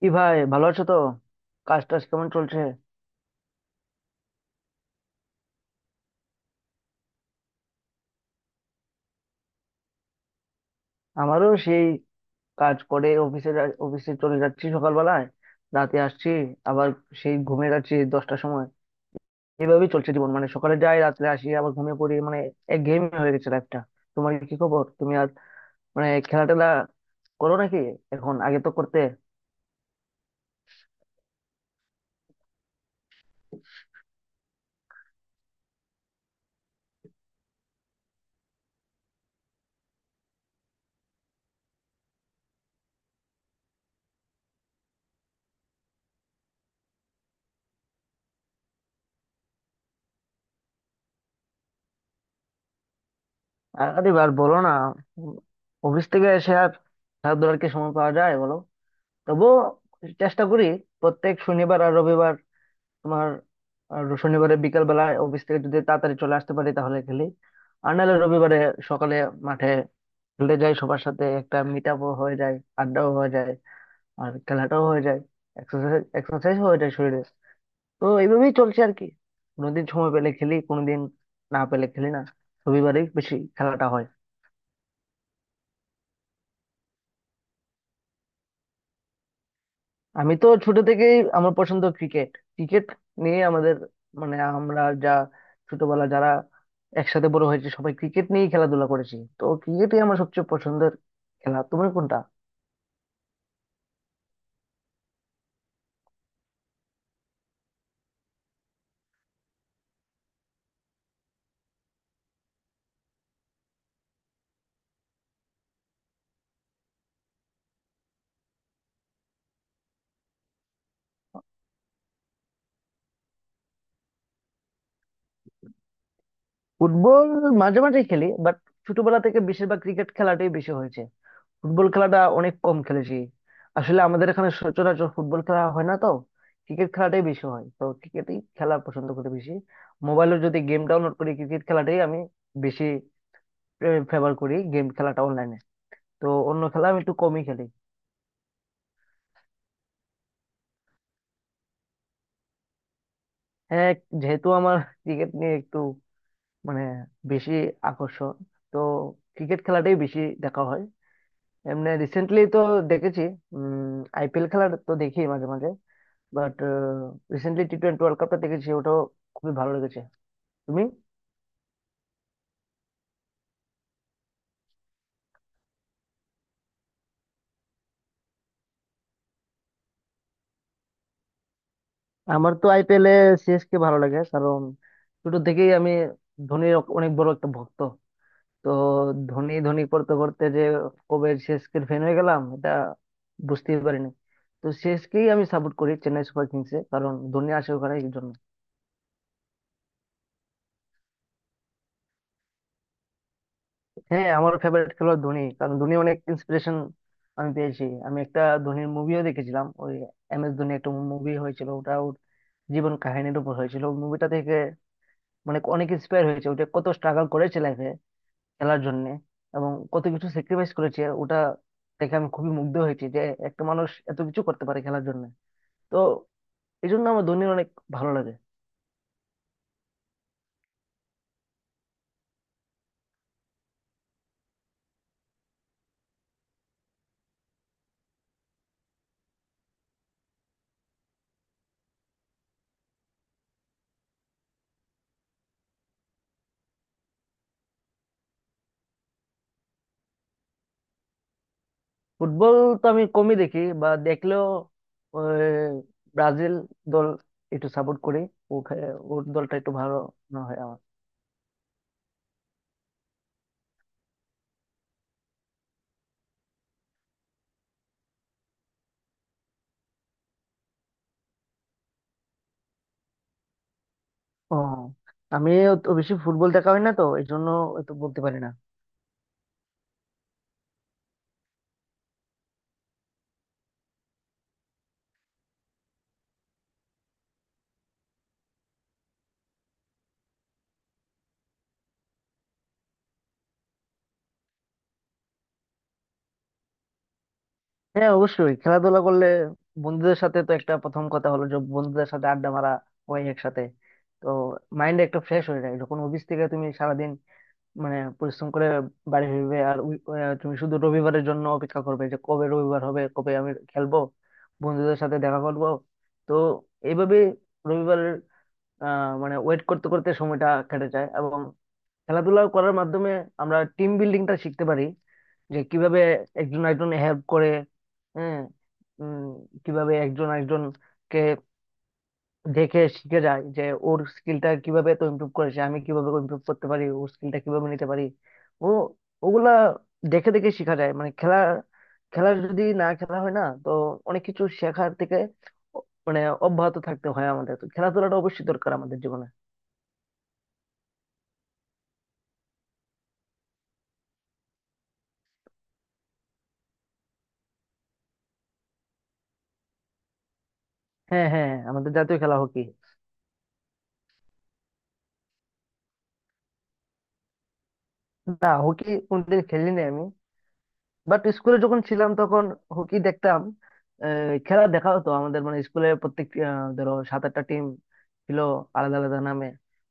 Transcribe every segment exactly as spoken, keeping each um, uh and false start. কি ভাই, ভালো আছো তো? কাজ টাজ কেমন চলছে? আমারও সেই, কাজ করে অফিসে যা- অফিসে চলে যাচ্ছি সকালবেলায়, রাতে আসছি, আবার সেই ঘুমিয়ে যাচ্ছি দশটার সময়। এভাবেই চলছে জীবন, মানে সকালে যাই, রাত্রে আসি, আবার ঘুমিয়ে পড়ি, মানে একঘেয়েমি হয়ে গেছে লাইফটা। তোমার কি খবর? তুমি আর মানে খেলা টেলা করো নাকি এখন? আগে তো করতে। আর- আরে আর বলো না, অফিস থেকে এসে আর খেলাধুলার কি সময় পাওয়া যায় বলো? তবুও চেষ্টা করি প্রত্যেক শনিবার আর রবিবার। তোমার আহ, শনিবারে বিকাল বেলা অফিস থেকে যদি তাড়াতাড়ি চলে আসতে পারি তাহলে খেলি, আর নাহলে রবিবারে সকালে মাঠে খেলতে যাই সবার সাথে। একটা মিট আপও হয়ে যায়, আড্ডাও হয়ে যায়, আর খেলাটাও হয়ে যায়, এক্সারসাইজ এক্সারসাইজ হয়ে যায় শরীরে। তো এইভাবেই চলছে আর কি, কোনোদিন সময় পেলে খেলি, কোনোদিন না পেলে খেলি না, রবিবারেই বেশি খেলাটা হয়। আমি তো ছোট থেকেই আমার পছন্দ ক্রিকেট। ক্রিকেট নিয়ে আমাদের মানে আমরা যা, ছোটবেলা যারা একসাথে বড় হয়েছে সবাই ক্রিকেট নিয়েই খেলাধুলা করেছি, তো ক্রিকেটই আমার সবচেয়ে পছন্দের খেলা। তুমি কোনটা? ফুটবল মাঝে মাঝে খেলি, বাট ছোটবেলা থেকে বেশিরভাগ ক্রিকেট খেলাটাই বেশি হয়েছে, ফুটবল খেলাটা অনেক কম খেলেছি। আসলে আমাদের এখানে সচরাচর ফুটবল খেলা হয় না তো, ক্রিকেট খেলাটাই বেশি হয়, তো ক্রিকেটই খেলা পছন্দ করি বেশি। মোবাইলে যদি গেম ডাউনলোড করি, ক্রিকেট খেলাটাই আমি বেশি ফেভার করি, গেম খেলাটা অনলাইনে। তো অন্য খেলা আমি একটু কমই খেলি। হ্যাঁ, যেহেতু আমার ক্রিকেট নিয়ে একটু মানে বেশি আকর্ষণ, তো ক্রিকেট খেলাটাই বেশি দেখা হয়। এমনি রিসেন্টলি তো দেখেছি, উম আই পি এল খেলা তো দেখি মাঝে মাঝে, but recently T twenty world কাপটা দেখেছি, ওটাও খুবই ভালো লেগেছে। তুমি? আমার তো I P L A C S K ভালো লাগে, কারণ ছোট থেকেই আমি ধোনির অনেক বড় একটা ভক্ত। তো ধোনি ধোনি করতে করতে যে কবে সি এস কে-র ফ্যান হয়ে গেলাম এটা বুঝতেই পারিনি। তো সি এস কে-ই আমি সাপোর্ট করি, চেন্নাই সুপার কিংস এ, কারণ ধোনি আসে ওখানে, এই জন্য। হ্যাঁ, আমার ফেভারিট খেলোয়াড় ধোনি, কারণ ধোনি অনেক ইন্সপিরেশন আমি পেয়েছি। আমি একটা ধোনির মুভিও দেখেছিলাম, ওই এম এস ধোনি একটা মুভি হয়েছিল, ওটা ওর জীবন কাহিনীর উপর হয়েছিল। মুভিটা থেকে মানে অনেক ইন্সপায়ার হয়েছে, ওটা কত স্ট্রাগল করেছে লাইফে খেলার জন্য, এবং কত কিছু স্যাক্রিফাইস করেছে। ওটা দেখে আমি খুবই মুগ্ধ হয়েছি যে একটা মানুষ এত কিছু করতে পারে খেলার জন্য। তো এই জন্য আমার ধোনির অনেক ভালো লাগে। ফুটবল তো আমি কমই দেখি, বা দেখলেও ওই ব্রাজিল দল একটু সাপোর্ট করি। ও খে- ওর দলটা একটু ভালো না হয় আমার। ও, আমি অত বেশি ফুটবল দেখা হয় না তো এই জন্য, তো বলতে পারি না। হ্যাঁ অবশ্যই, খেলাধুলা করলে বন্ধুদের সাথে, তো একটা প্রথম কথা হলো যে বন্ধুদের সাথে আড্ডা মারা হয় একসাথে। তো মাইন্ড একটা ফ্রেশ হয়ে যায়, যখন অফিস থেকে তুমি সারাদিন মানে পরিশ্রম করে বাড়ি ফিরবে আর উই- আহ, তুমি শুধু রবিবারের জন্য অপেক্ষা করবে যে কবে রবিবার হবে, কবে আমি খেলবো, বন্ধুদের সাথে দেখা করবো। তো এইভাবে রবিবারের আহ মানে ওয়েট করতে করতে সময়টা কেটে যায়। এবং খেলাধুলা করার মাধ্যমে আমরা টিম বিল্ডিংটা শিখতে পারি, যে কিভাবে একজন একজন হেল্প করে। হ্যাঁ, উম, কিভাবে একজন একজনকে দেখে শিখে যায় যে ওর স্কিলটা কিভাবে তো ইমপ্রুভ করেছে, আমি কিভাবে ইমপ্রুভ করতে পারি, ওর স্কিলটা কিভাবে নিতে পারি, ও ওগুলা দেখে দেখে শেখা যায় মানে। খেলা, খেলা যদি না খেলা হয় না তো অনেক কিছু শেখার থেকে অ- মানে অব্যাহত থাকতে হয় আমাদের। তো খেলাধুলাটা অবশ্যই দরকার আমাদের জীবনে। হ্যাঁ, হ্যাঁ, হ্যাঁ, আমাদের জাতীয় খেলা হকি। না, হকি কোনদিন খেলিনি আমি, বাট স্কুলে যখন ছিলাম তখন হকি দেখতাম। আহ, খেলা দেখা হতো আমাদের মানে স্কুলে প্রত্যেক আহ, ধরো সাত আটটা টিম ছিল আলাদা আলাদা নামে।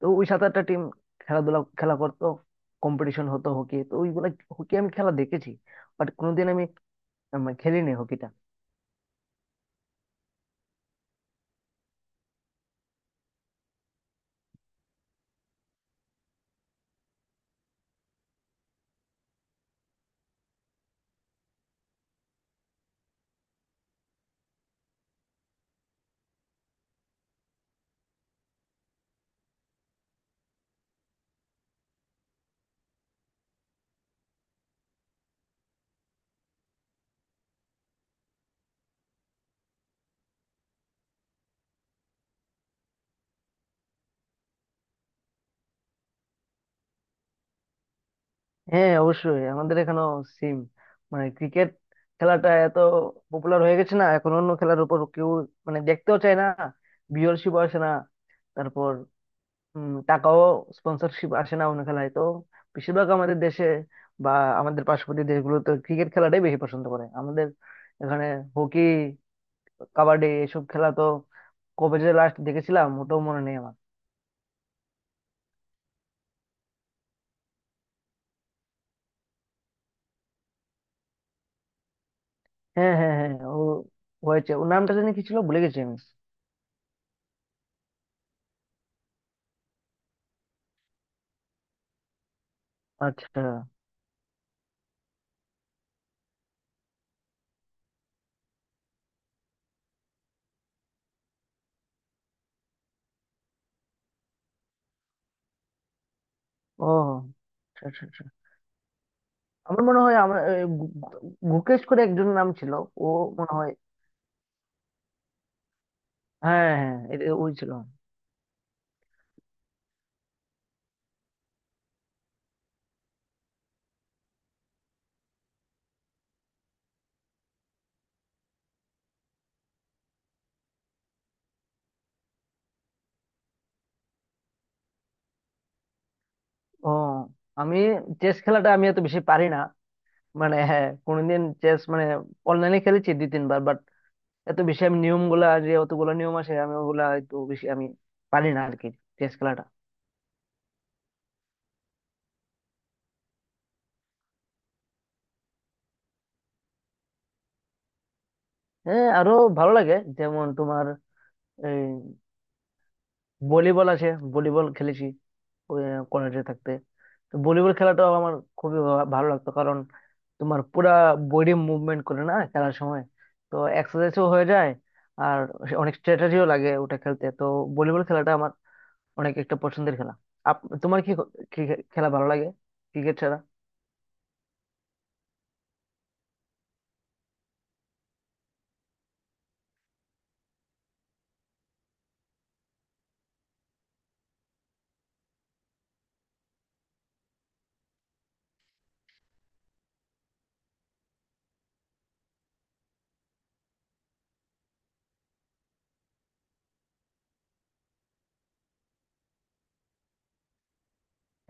তো ওই সাত আটটা টিম খেলাধুলা খেলা করতো, কম্পিটিশন হতো হকি, তো ওইগুলা হকি আমি খেলা দেখেছি, বাট কোনোদিন আমি আহ, মানে খেলিনি হকিটা। হ্যাঁ অবশ্যই, আমাদের এখানেও সিম মানে ক্রিকেট খেলাটা এত পপুলার হয়ে গেছে না, এখন অন্য খেলার উপর কেউ মানে দেখতেও চায় না, ভিউয়ারশিপ আসে না, তারপর উম, টাকাও, স্পন্সরশিপ আসে না অন্য খেলায়। তো বেশিরভাগ আমাদের দেশে বা আমাদের পার্শ্ববর্তী দেশগুলোতে ক্রিকেট খেলাটাই বেশি পছন্দ করে। আমাদের এখানে হকি, কাবাডি এসব খেলা তো কবে যে লাস্ট দেখেছিলাম ওটাও মনে নেই আমার। হ্যাঁ, হ্যাঁ, হ্যাঁ, ও হয়েছে, ওর নামটা জানি কি ছিল, ভুলে গেছি আমি। আচ্ছা, ও আচ্ছা, আচ্ছা, আচ্ছা। আমার মনে হয় আমার এ, গু- গু- গুকেশ করে একজন নাম ছিল, ও মনে হয়। হ্যাঁ, হ্যাঁ, এটা ওই ছিল। ও, আমি চেস খেলাটা আমি এত বেশি পারি না মানে। হ্যাঁ, কোনদিন চেস মানে অনলাইনে খেলেছি দুই তিনবার, বাট এত বেশি আমি নিয়ম গুলা, যে অতগুলো নিয়ম আছে আমি ওগুলা একটু বেশি আমি পারি না আর কি চেস খেলাটা। হ্যাঁ আরো ভালো লাগে, যেমন তোমার এই ভলিবল আছে, ভলিবল খেলেছি কলেজে থাকতে। তো ভলিবল খেলাটাও আমার খুবই ভা- ভালো লাগতো, কারণ তোমার পুরা বডি মুভমেন্ট করে না খেলার সময়, তো এক্সারসাইজও হয়ে যায়, আর অনেক স্ট্র্যাটেজিও লাগে ওটা খেলতে। তো ভলিবল খেলাটা আমার অনেক একটা পছন্দের খেলা। আপ, তোমার কি কি খেলা ভালো লাগে ক্রিকেট ছাড়া?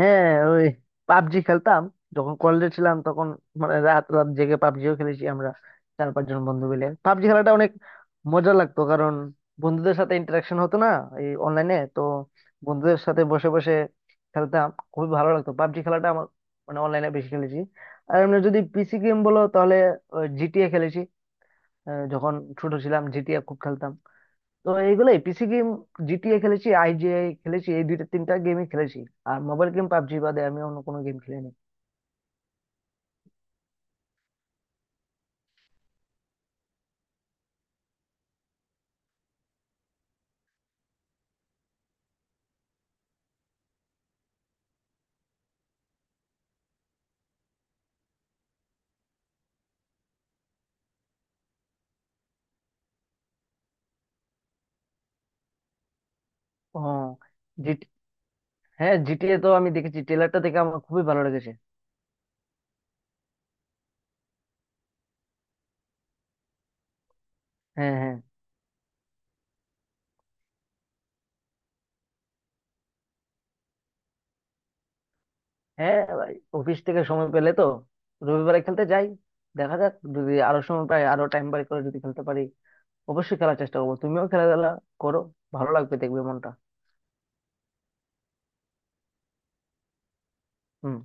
হ্যাঁ, ওই পাবজি খেলতাম যখন কলেজে ছিলাম তখন, মানে রাত রাত জেগে পাবজিও খেলেছি আমরা চার পাঁচজন বন্ধু মিলে। পাবজি খেলাটা অনেক মজা লাগতো, কারণ বন্ধুদের সাথে ইন্টারাকশন হতো না এই অনলাইনে তো, বন্ধুদের সাথে বসে বসে খেলতাম, খুবই ভালো লাগতো পাবজি খেলাটা আমার। মানে অনলাইনে বেশি খেলেছি। আর এমনি যদি পি সি গেম বলো, তাহলে জি টি এ খেলেছি। আহ, যখন ছোট ছিলাম জি টি এ খুব খেলতাম। তো এইগুলোই পি সি গেম, জি টি এ খেলেছি, আই জি আই খেলেছি, এই দুইটা তিনটা গেমই খেলেছি। আর মোবাইল গেম পাবজি বাদে আমি অন্য কোনো গেম খেলিনি। ও, জিটি হ্যাঁ, জি টি এ তো আমি দেখেছি, ট্রেলারটা দেখে আমার খুবই ভালো লেগেছে। হ্যাঁ, হ্যাঁ। হ্যাঁ ভাই, অফিস থেকে সময় পেলে তো রবিবারে খেলতে যাই। দেখা যাক, যদি আরো সময় পাই আরো টাইম বাই করে যদি খেলতে পারি, অবশ্যই খেলার চেষ্টা করবো। তুমিও খেলাধুলা করো, ভালো লাগবে দেখবে মনটা। হুম।